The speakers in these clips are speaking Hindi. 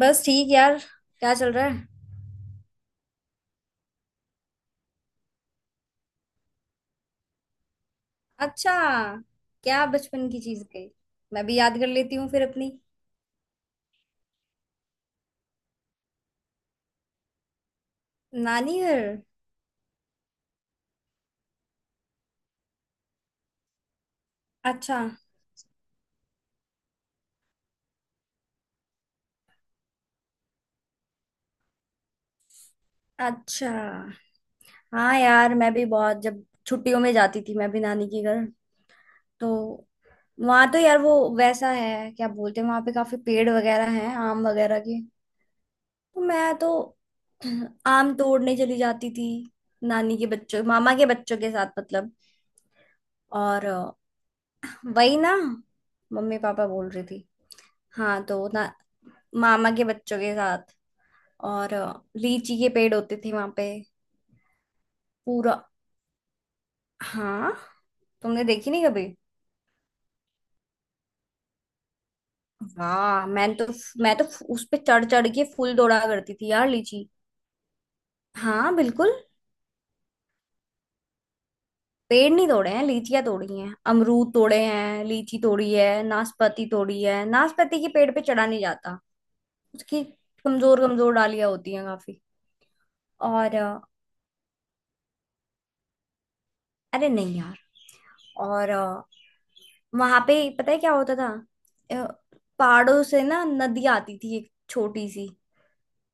बस ठीक यार। क्या चल रहा है? अच्छा, क्या बचपन की चीज गई? मैं भी याद कर लेती हूँ फिर अपनी। नानी घर। अच्छा। अच्छा। हाँ यार, मैं भी बहुत जब छुट्टियों में जाती थी मैं भी नानी के घर, तो वहां, तो यार वो वैसा है, क्या बोलते हैं, वहां पे काफी पेड़ वगैरह हैं, आम वगैरह के। तो मैं तो आम तोड़ने चली जाती थी, नानी के बच्चों मामा के बच्चों के साथ, मतलब। और वही ना। मम्मी पापा बोल रही थी। हाँ तो ना, मामा के बच्चों के साथ। और लीची के पेड़ होते थे वहां पे। पूरा। हाँ। तुमने देखी नहीं कभी? वाह, मैं तो उस पे चढ़ चढ़ के फूल तोड़ा करती थी यार लीची। हाँ बिल्कुल। पेड़ नहीं तोड़े हैं, लीचियां तोड़ी हैं, अमरूद तोड़े हैं, लीची तोड़ी है, नाशपाती तोड़ी है। नाशपाती के पेड़ पे चढ़ा नहीं जाता। उसकी कमजोर कमजोर डालियां होती हैं काफी। और अरे नहीं यार। और वहां पे पता है क्या होता था? अ, पहाड़ों से ना नदी आती थी, एक छोटी सी,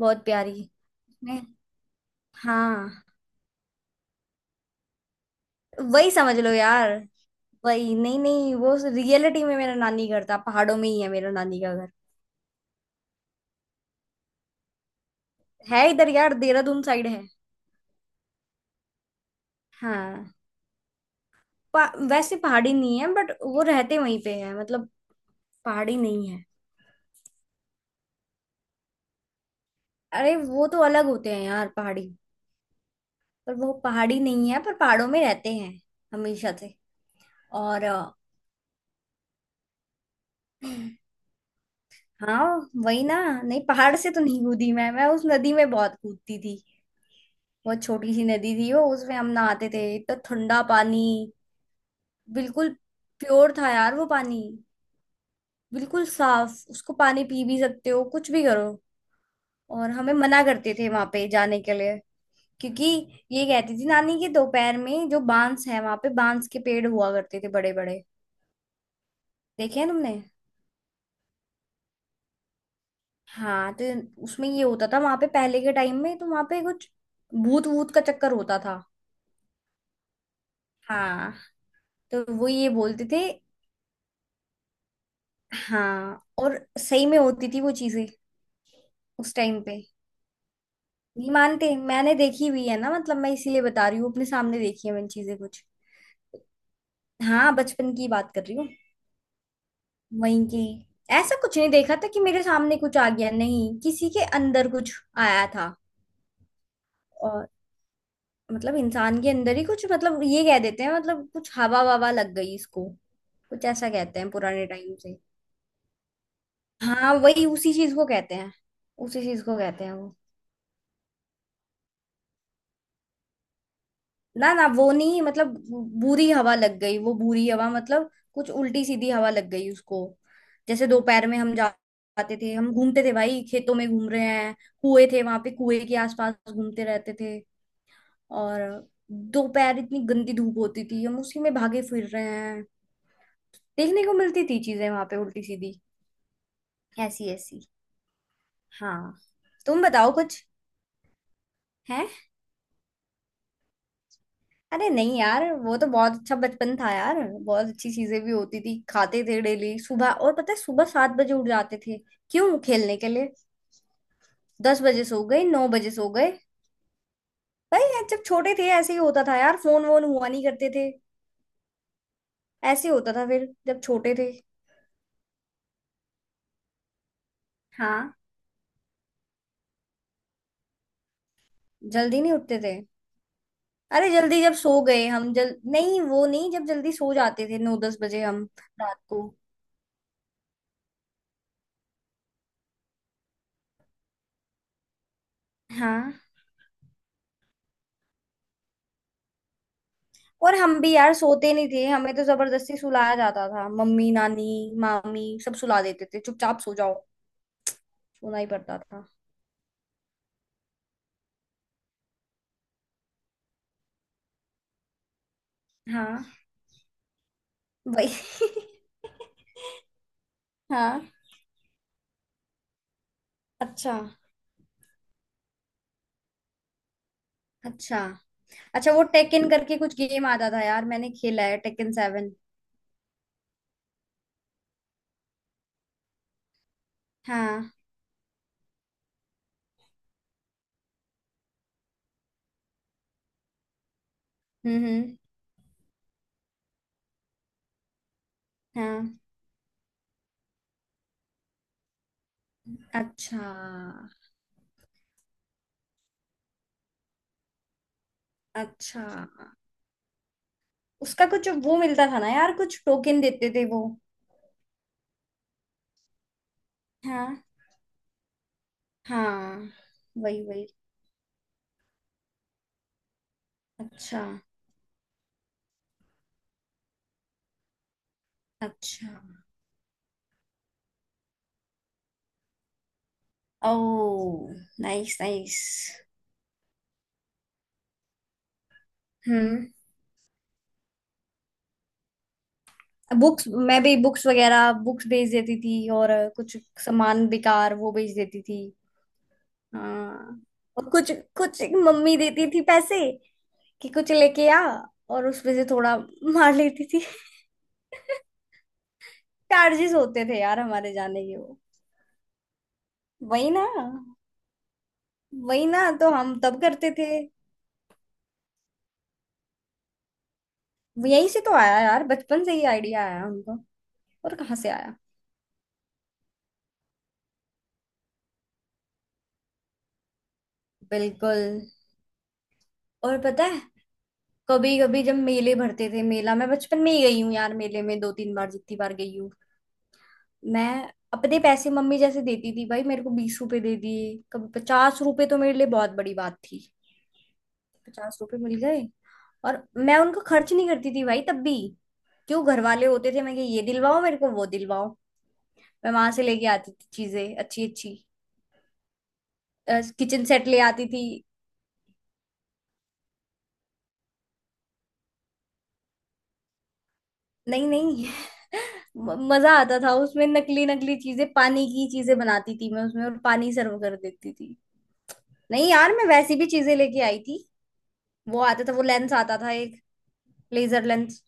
बहुत प्यारी। मैं। हाँ वही समझ लो यार। वही, नहीं नहीं, वो रियलिटी में मेरा नानी घर था, पहाड़ों में ही है मेरा नानी का घर। है इधर यार, देहरादून साइड है। हाँ। पा, वैसे पहाड़ी नहीं है, बट वो रहते वहीं पे है मतलब। पहाड़ी नहीं है। अरे वो तो अलग होते हैं यार पहाड़ी। पर वो पहाड़ी नहीं है, पर पहाड़ों में रहते हैं हमेशा से। और अ, हाँ वही ना। नहीं, पहाड़ से तो नहीं कूदी मैं उस नदी में बहुत कूदती थी। बहुत छोटी सी नदी थी वो, उसमें हम नहाते थे, इतना ठंडा पानी। बिल्कुल। प्योर था यार वो पानी। बिल्कुल साफ, उसको पानी पी भी सकते हो, कुछ भी करो। और हमें मना करते थे वहां पे जाने के लिए। क्योंकि ये कहती थी नानी कि दोपहर में जो बांस है, वहां पे बांस के पेड़ हुआ करते थे बड़े बड़े। देखे हैं तुमने? हाँ, तो उसमें ये होता था, वहां पे पहले के टाइम में तो वहां पे कुछ भूत वूत का चक्कर होता था। हाँ, तो वो ये बोलते थे। हाँ, और सही में होती थी वो चीजें उस टाइम पे। नहीं मानते? मैंने देखी हुई है ना, मतलब मैं इसीलिए बता रही हूँ, अपने सामने देखी है मैंने चीजें कुछ। हाँ, बचपन की बात कर रही हूँ। वहीं की। ऐसा कुछ नहीं देखा था कि मेरे सामने कुछ आ गया, नहीं, किसी के अंदर कुछ आया था। और, मतलब इंसान के अंदर ही कुछ, मतलब ये कह देते हैं, मतलब कुछ हवा ववा लग गई इसको, कुछ ऐसा कहते हैं पुराने टाइम से। हाँ वही, उसी चीज को कहते हैं। उसी चीज को कहते हैं वो। ना ना, वो नहीं मतलब, बुरी हवा लग गई, वो बुरी हवा, मतलब कुछ उल्टी सीधी हवा लग गई उसको। जैसे दोपहर में जाते थे हम, घूमते थे भाई, खेतों में घूम रहे हैं, कुएं थे वहां पे, कुएं के आसपास घूमते रहते थे। और दोपहर इतनी गंदी धूप होती थी, हम उसी में भागे फिर रहे हैं। देखने को मिलती थी चीजें वहां पे, उल्टी सीधी, ऐसी ऐसी। हाँ। तुम बताओ कुछ है। अरे नहीं यार, वो तो बहुत अच्छा बचपन था यार। बहुत अच्छी चीजें भी होती थी, खाते थे डेली सुबह। और पता है, सुबह 7 बजे उठ जाते थे। क्यों? खेलने के लिए। 10 बजे सो गए, 9 बजे सो गए। भाई यार, जब छोटे थे ऐसे ही होता था यार, फोन वोन हुआ नहीं करते थे। ऐसे ही होता था फिर जब छोटे थे। हाँ, जल्दी नहीं उठते थे। अरे जल्दी जब सो गए हम, जल नहीं, वो नहीं, जब जल्दी सो जाते थे 9-10 बजे हम, रात को। हाँ, और हम भी यार सोते नहीं थे, हमें तो जबरदस्ती सुलाया जाता था। मम्मी, नानी, मामी सब सुला देते थे, चुपचाप सो जाओ। सोना ही पड़ता था। हाँ वही। हाँ। अच्छा। अच्छा। अच्छा, वो टेकन करके कुछ गेम आता था यार, मैंने खेला है टेकन 7। हाँ। हम्म। हाँ। अच्छा। अच्छा, उसका कुछ वो मिलता था ना यार, कुछ टोकन देते थे वो। हाँ। हाँ। वही वही। अच्छा। अच्छा। ओह। Nice nice. हम्म। बुक्स, मैं भी बुक्स वगैरह बुक्स भेज देती थी, और कुछ सामान बेकार वो भेज देती थी। हाँ, और कुछ, कुछ मम्मी देती थी पैसे कि कुछ लेके आ, और उसमें से थोड़ा मार लेती थी। चार्जेस होते थे यार हमारे जाने के वो। वही ना। वही ना, तो हम तब करते थे। यहीं से तो आया यार, बचपन से ही आइडिया आया हमको। और कहाँ से आया? बिल्कुल। और पता है, कभी कभी जब मेले भरते थे, मेला मैं बचपन में ही गई हूँ यार, मेले में 2-3 बार जितनी बार गई हूँ मैं, अपने पैसे, मम्मी जैसे देती थी भाई, मेरे को 20 रुपए दे दिए, कभी 50 रुपए, तो मेरे लिए बहुत बड़ी बात थी। 50 रुपए मिल गए, और मैं उनको खर्च नहीं करती थी भाई तब भी। जो घर वाले होते थे, मैं कि ये दिलवाओ मेरे को, वो दिलवाओ। मैं वहां से लेके आती थी चीजें अच्छी अच्छी। किचन सेट ले आती थी। नहीं नहीं। मजा आता था उसमें, नकली नकली चीजें, पानी की चीजें बनाती थी मैं उसमें और पानी सर्व कर देती थी। नहीं यार, मैं वैसी भी चीजें लेके आई थी। वो आता था, वो लेंस आता था एक, लेजर लेंस।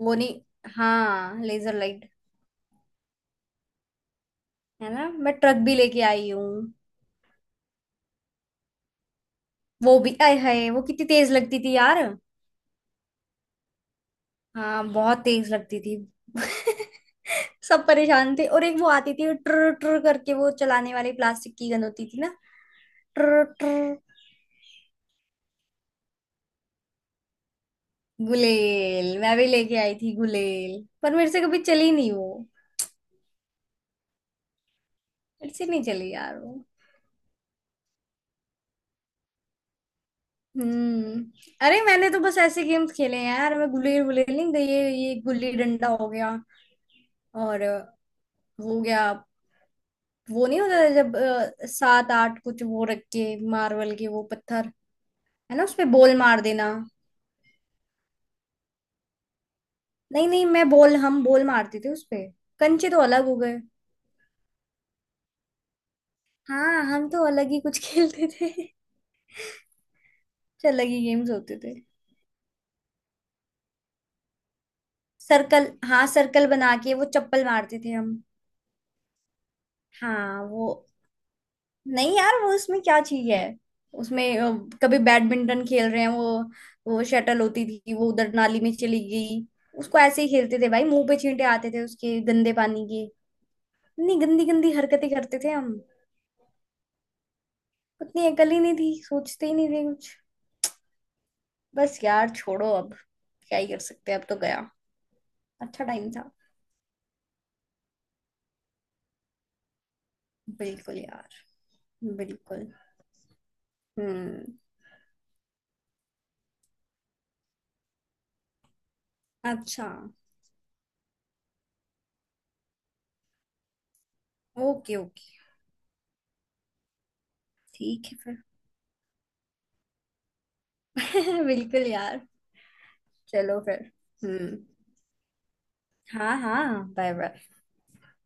वो नहीं, हाँ लेजर लाइट। है ना? मैं ट्रक भी लेके आई हूँ। वो भी आए, हाय वो कितनी तेज लगती थी यार। हाँ बहुत तेज लगती थी। सब परेशान थे। और एक वो आती थी ट्र ट्र करके, वो चलाने वाली प्लास्टिक की गन होती थी ना, ट्र ट्र। गुलेल, मैं भी लेके आई थी गुलेल, पर मेरे से कभी चली नहीं वो। मेरे से नहीं चली यार वो। हम्म। अरे मैंने तो बस ऐसे गेम्स खेले हैं यार, मैं गुलेल गुलेल नहीं गई, ये गुल्ली डंडा हो गया। और वो हो गया। वो नहीं होता था, जब 7-8 कुछ वो रख के, मार्बल के वो पत्थर, है ना, उसपे बॉल मार देना। नहीं नहीं, मैं बॉल हम बॉल मारते थे उसपे। कंचे तो अलग हो गए। हाँ, हम तो अलग ही कुछ खेलते थे कुछ। अलग ही गेम्स होते थे। सर्कल, हाँ सर्कल बना के वो चप्पल मारते थे हम। हाँ वो। नहीं यार, वो उसमें क्या चीज है, उसमें कभी बैडमिंटन खेल रहे हैं वो शटल होती थी, वो उधर नाली में चली गई। उसको ऐसे ही खेलते थे भाई, मुंह पे छींटे आते थे उसके गंदे पानी के। इतनी गंदी गंदी हरकतें करते थे हम। उतनी अकल ही नहीं थी, सोचते ही नहीं थे कुछ। बस यार छोड़ो अब, क्या ही कर सकते हैं, अब तो गया। अच्छा टाइम था। बिल्कुल यार। बिल्कुल। हम्म। अच्छा। Okay okay. ठीक है। फिर बिल्कुल यार। चलो फिर। हम्म। हाँ हाँ बाय बाय।